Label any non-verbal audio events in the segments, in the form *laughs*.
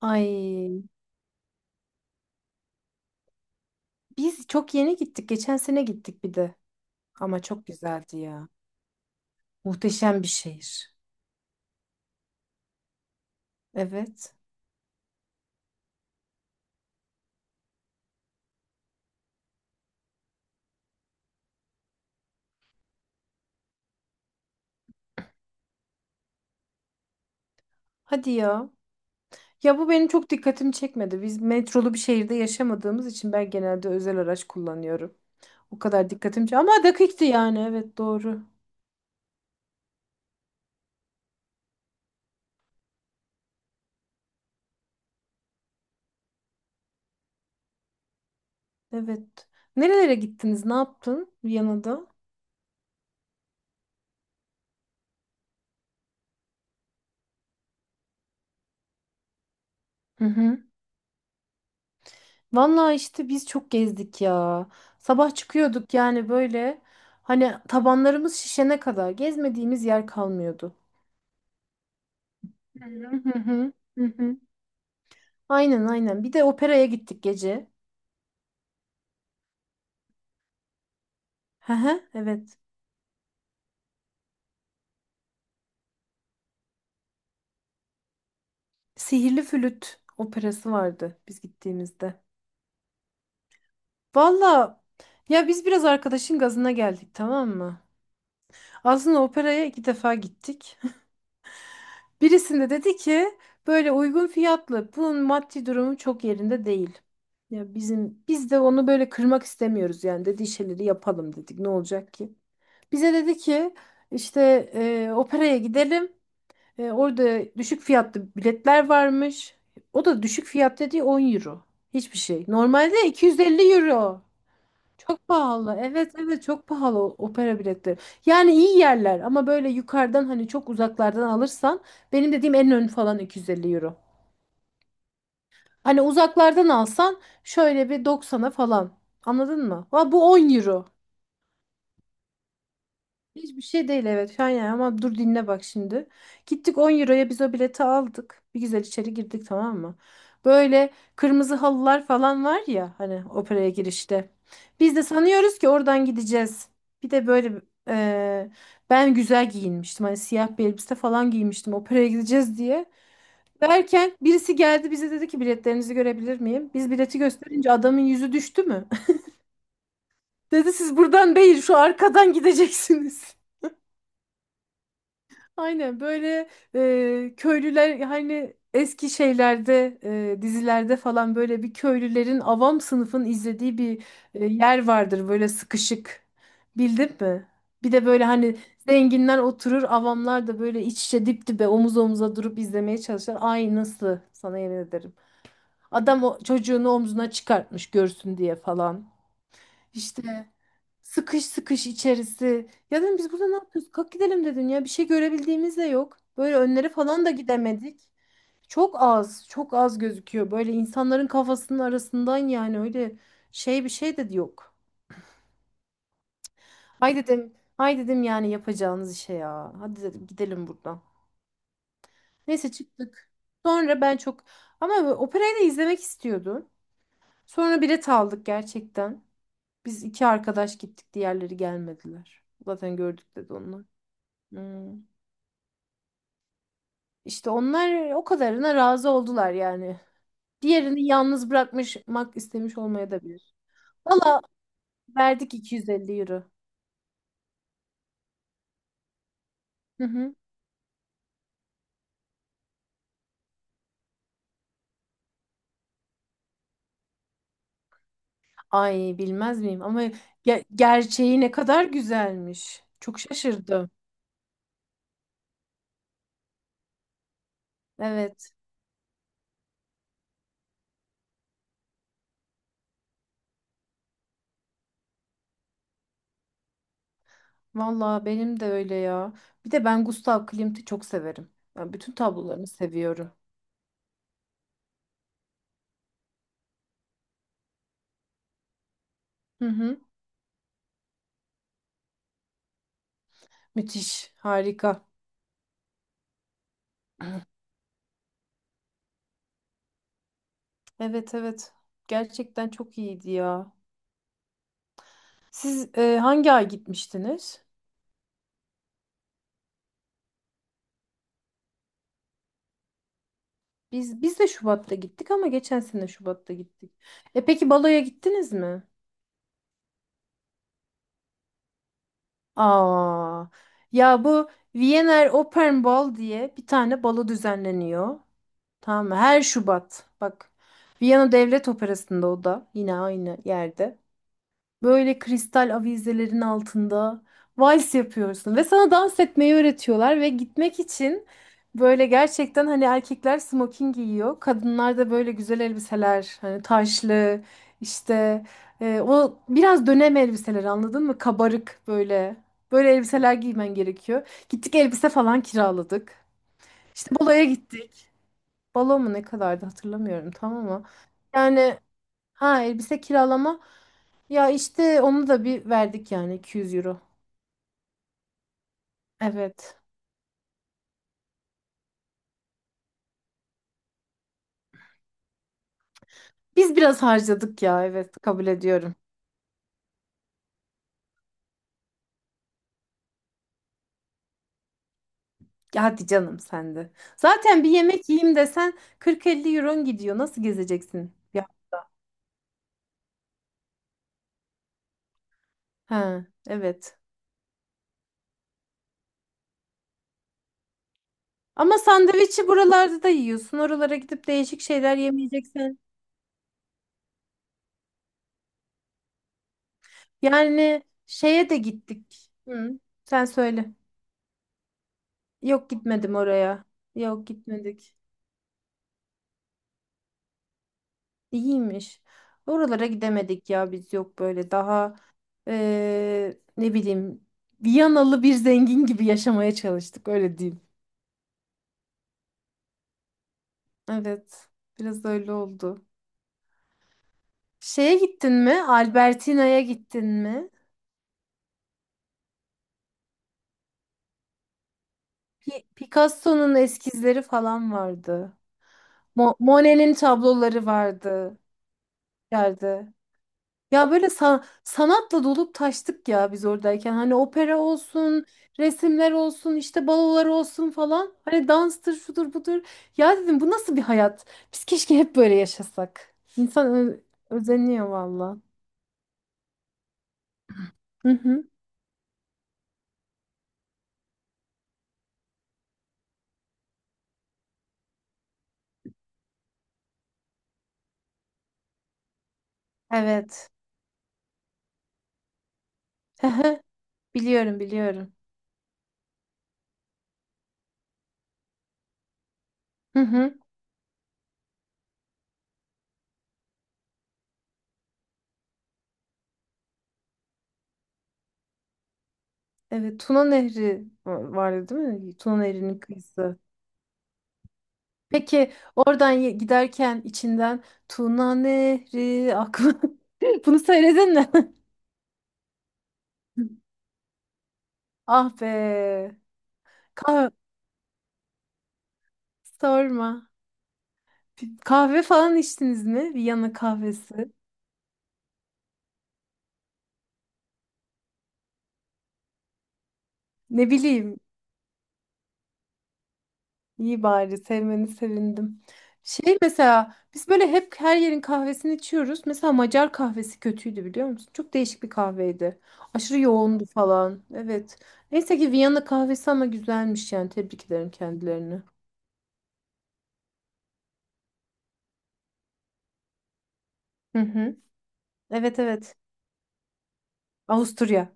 Ay, biz çok yeni gittik. Geçen sene gittik bir de. Ama çok güzeldi ya. Muhteşem bir şehir. Evet. Hadi ya. Ya bu benim çok dikkatimi çekmedi. Biz metrolu bir şehirde yaşamadığımız için ben genelde özel araç kullanıyorum. O kadar dikkatim Ama dakikti yani. Evet doğru. Evet. Nerelere gittiniz? Ne yaptın Viyana'da? Hı hı. Vallahi işte biz çok gezdik ya. Sabah çıkıyorduk yani böyle. Hani tabanlarımız şişene kadar gezmediğimiz yer kalmıyordu. Hı hı hı hı. hı. Aynen aynen. Bir de operaya gittik gece. Hı hı, evet. Sihirli Flüt operası vardı biz gittiğimizde. Valla, ya biz biraz arkadaşın gazına geldik, tamam mı? Aslında operaya 2 defa gittik. *laughs* Birisinde dedi ki böyle uygun fiyatlı. Bunun maddi durumu çok yerinde değil. Ya biz de onu böyle kırmak istemiyoruz yani, dediği şeyleri yapalım dedik. Ne olacak ki? Bize dedi ki işte operaya gidelim. E, orada düşük fiyatlı biletler varmış. O da düşük fiyat dediği 10 euro. Hiçbir şey. Normalde 250 euro. Çok pahalı. Evet evet, çok pahalı opera biletleri. Yani iyi yerler ama böyle yukarıdan, hani çok uzaklardan alırsan, benim dediğim en ön falan 250 euro. Hani uzaklardan alsan şöyle bir 90'a falan. Anladın mı? Ha, bu 10 euro. Hiçbir şey değil, evet, şu an yani, ama dur dinle bak şimdi. Gittik, 10 euroya biz o bileti aldık. Bir güzel içeri girdik, tamam mı? Böyle kırmızı halılar falan var ya hani operaya girişte. Biz de sanıyoruz ki oradan gideceğiz. Bir de böyle e, ben güzel giyinmiştim. Hani siyah bir elbise falan giymiştim, operaya gideceğiz diye. Derken birisi geldi bize dedi ki biletlerinizi görebilir miyim? Biz bileti gösterince adamın yüzü düştü mü? *laughs* Dedi siz buradan değil şu arkadan gideceksiniz. Aynen böyle köylüler, hani eski şeylerde, dizilerde falan, böyle bir köylülerin, avam sınıfın izlediği bir yer vardır böyle sıkışık, bildin mi? Bir de böyle hani zenginler oturur, avamlar da böyle iç içe, dip dibe, omuz omuza durup izlemeye çalışır. Ay nasıl, sana yemin ederim. Adam o çocuğunu omzuna çıkartmış görsün diye falan. İşte. Sıkış sıkış içerisi. Ya dedim biz burada ne yapıyoruz? Kalk gidelim dedim ya. Bir şey görebildiğimiz de yok. Böyle önleri falan da gidemedik. Çok az, çok az gözüküyor. Böyle insanların kafasının arasından yani, öyle şey bir şey de yok. Hay dedim, hay dedim yani, yapacağınız işe ya. Hadi dedim, gidelim buradan. Neyse çıktık. Sonra ben çok ama operayı da izlemek istiyordum. Sonra bilet aldık gerçekten. Biz iki arkadaş gittik, diğerleri gelmediler. Zaten gördük dedi onlar. Hmm. İşte onlar o kadarına razı oldular yani. Diğerini yalnız bırakmak istemiş olmaya da bilir. Valla, verdik 250 euro. Hı hı. Ay bilmez miyim, ama gerçeği ne kadar güzelmiş. Çok şaşırdım. Evet, valla benim de öyle ya. Bir de ben Gustav Klimt'i çok severim. Ben bütün tablolarını seviyorum. Hı hı. Müthiş harika. Evet evet, gerçekten çok iyiydi ya. Siz hangi ay gitmiştiniz? Biz de Şubat'ta gittik, ama geçen sene Şubat'ta gittik. E peki, baloya gittiniz mi? Aa. Ya bu Wiener Opernball diye bir tane balo düzenleniyor. Tamam mı? Her Şubat. Bak. Viyana Devlet Operası'nda, o da yine aynı yerde. Böyle kristal avizelerin altında vals yapıyorsun ve sana dans etmeyi öğretiyorlar, ve gitmek için böyle gerçekten, hani erkekler smoking giyiyor. Kadınlar da böyle güzel elbiseler, hani taşlı, işte o biraz dönem elbiseleri, anladın mı? Kabarık böyle. Böyle elbiseler giymen gerekiyor. Gittik, elbise falan kiraladık. İşte baloya gittik. Balo mu ne kadardı hatırlamıyorum tam, ama yani, ha, elbise kiralama. Ya işte onu da bir verdik yani, 200 euro. Evet. Biz biraz harcadık ya, evet kabul ediyorum. Ya hadi canım sen de. Zaten bir yemek yiyeyim desen 40-50 euron gidiyor. Nasıl gezeceksin? Ya. Ha evet. Ama sandviçi buralarda da yiyorsun. Oralara gidip değişik şeyler yemeyeceksen. Yani şeye de gittik. Hı, sen söyle. Yok, gitmedim oraya. Yok, gitmedik. İyiymiş. Oralara gidemedik ya, biz yok, böyle daha ne bileyim, Viyanalı bir zengin gibi yaşamaya çalıştık, öyle diyeyim. Evet, biraz öyle oldu. Şeye gittin mi? Albertina'ya gittin mi? Picasso'nun eskizleri falan vardı. Monet'in tabloları vardı. Geldi. Ya böyle sanatla dolup taştık ya biz oradayken. Hani opera olsun, resimler olsun, işte balolar olsun falan. Hani danstır, şudur budur. Ya dedim, bu nasıl bir hayat? Biz keşke hep böyle yaşasak. İnsan özeniyor valla. Hı hı. Evet. *laughs* Biliyorum, biliyorum. Hı hı. Evet, Tuna Nehri vardı değil mi? Tuna Nehri'nin kıyısı. Peki oradan giderken içinden Tuna Nehri aklı. *laughs* Bunu söyledin mi? *laughs* Ah be. Kahve sorma. Kahve falan içtiniz mi? Viyana kahvesi. Ne bileyim. İyi, bari sevmeni sevindim. Şey, mesela biz böyle hep her yerin kahvesini içiyoruz. Mesela Macar kahvesi kötüydü, biliyor musun? Çok değişik bir kahveydi. Aşırı yoğundu falan. Evet. Neyse ki Viyana kahvesi ama güzelmiş yani. Tebrik ederim kendilerini. Hı hı. Evet evet. Avusturya.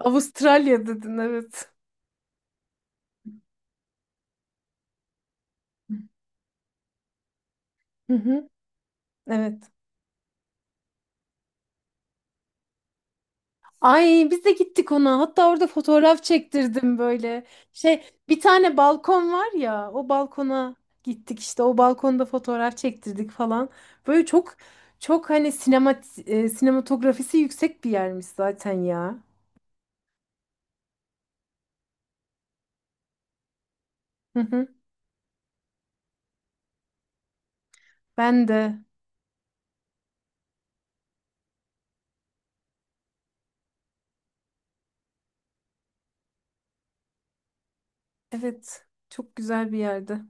Avustralya dedin, evet. Hı hı. Evet. Ay, biz de gittik ona. Hatta orada fotoğraf çektirdim böyle. Şey, bir tane balkon var ya, o balkona gittik, işte o balkonda fotoğraf çektirdik falan. Böyle çok çok hani sinema, sinematografisi yüksek bir yermiş zaten ya. Hı hı. Ben de, evet, çok güzel bir yerde.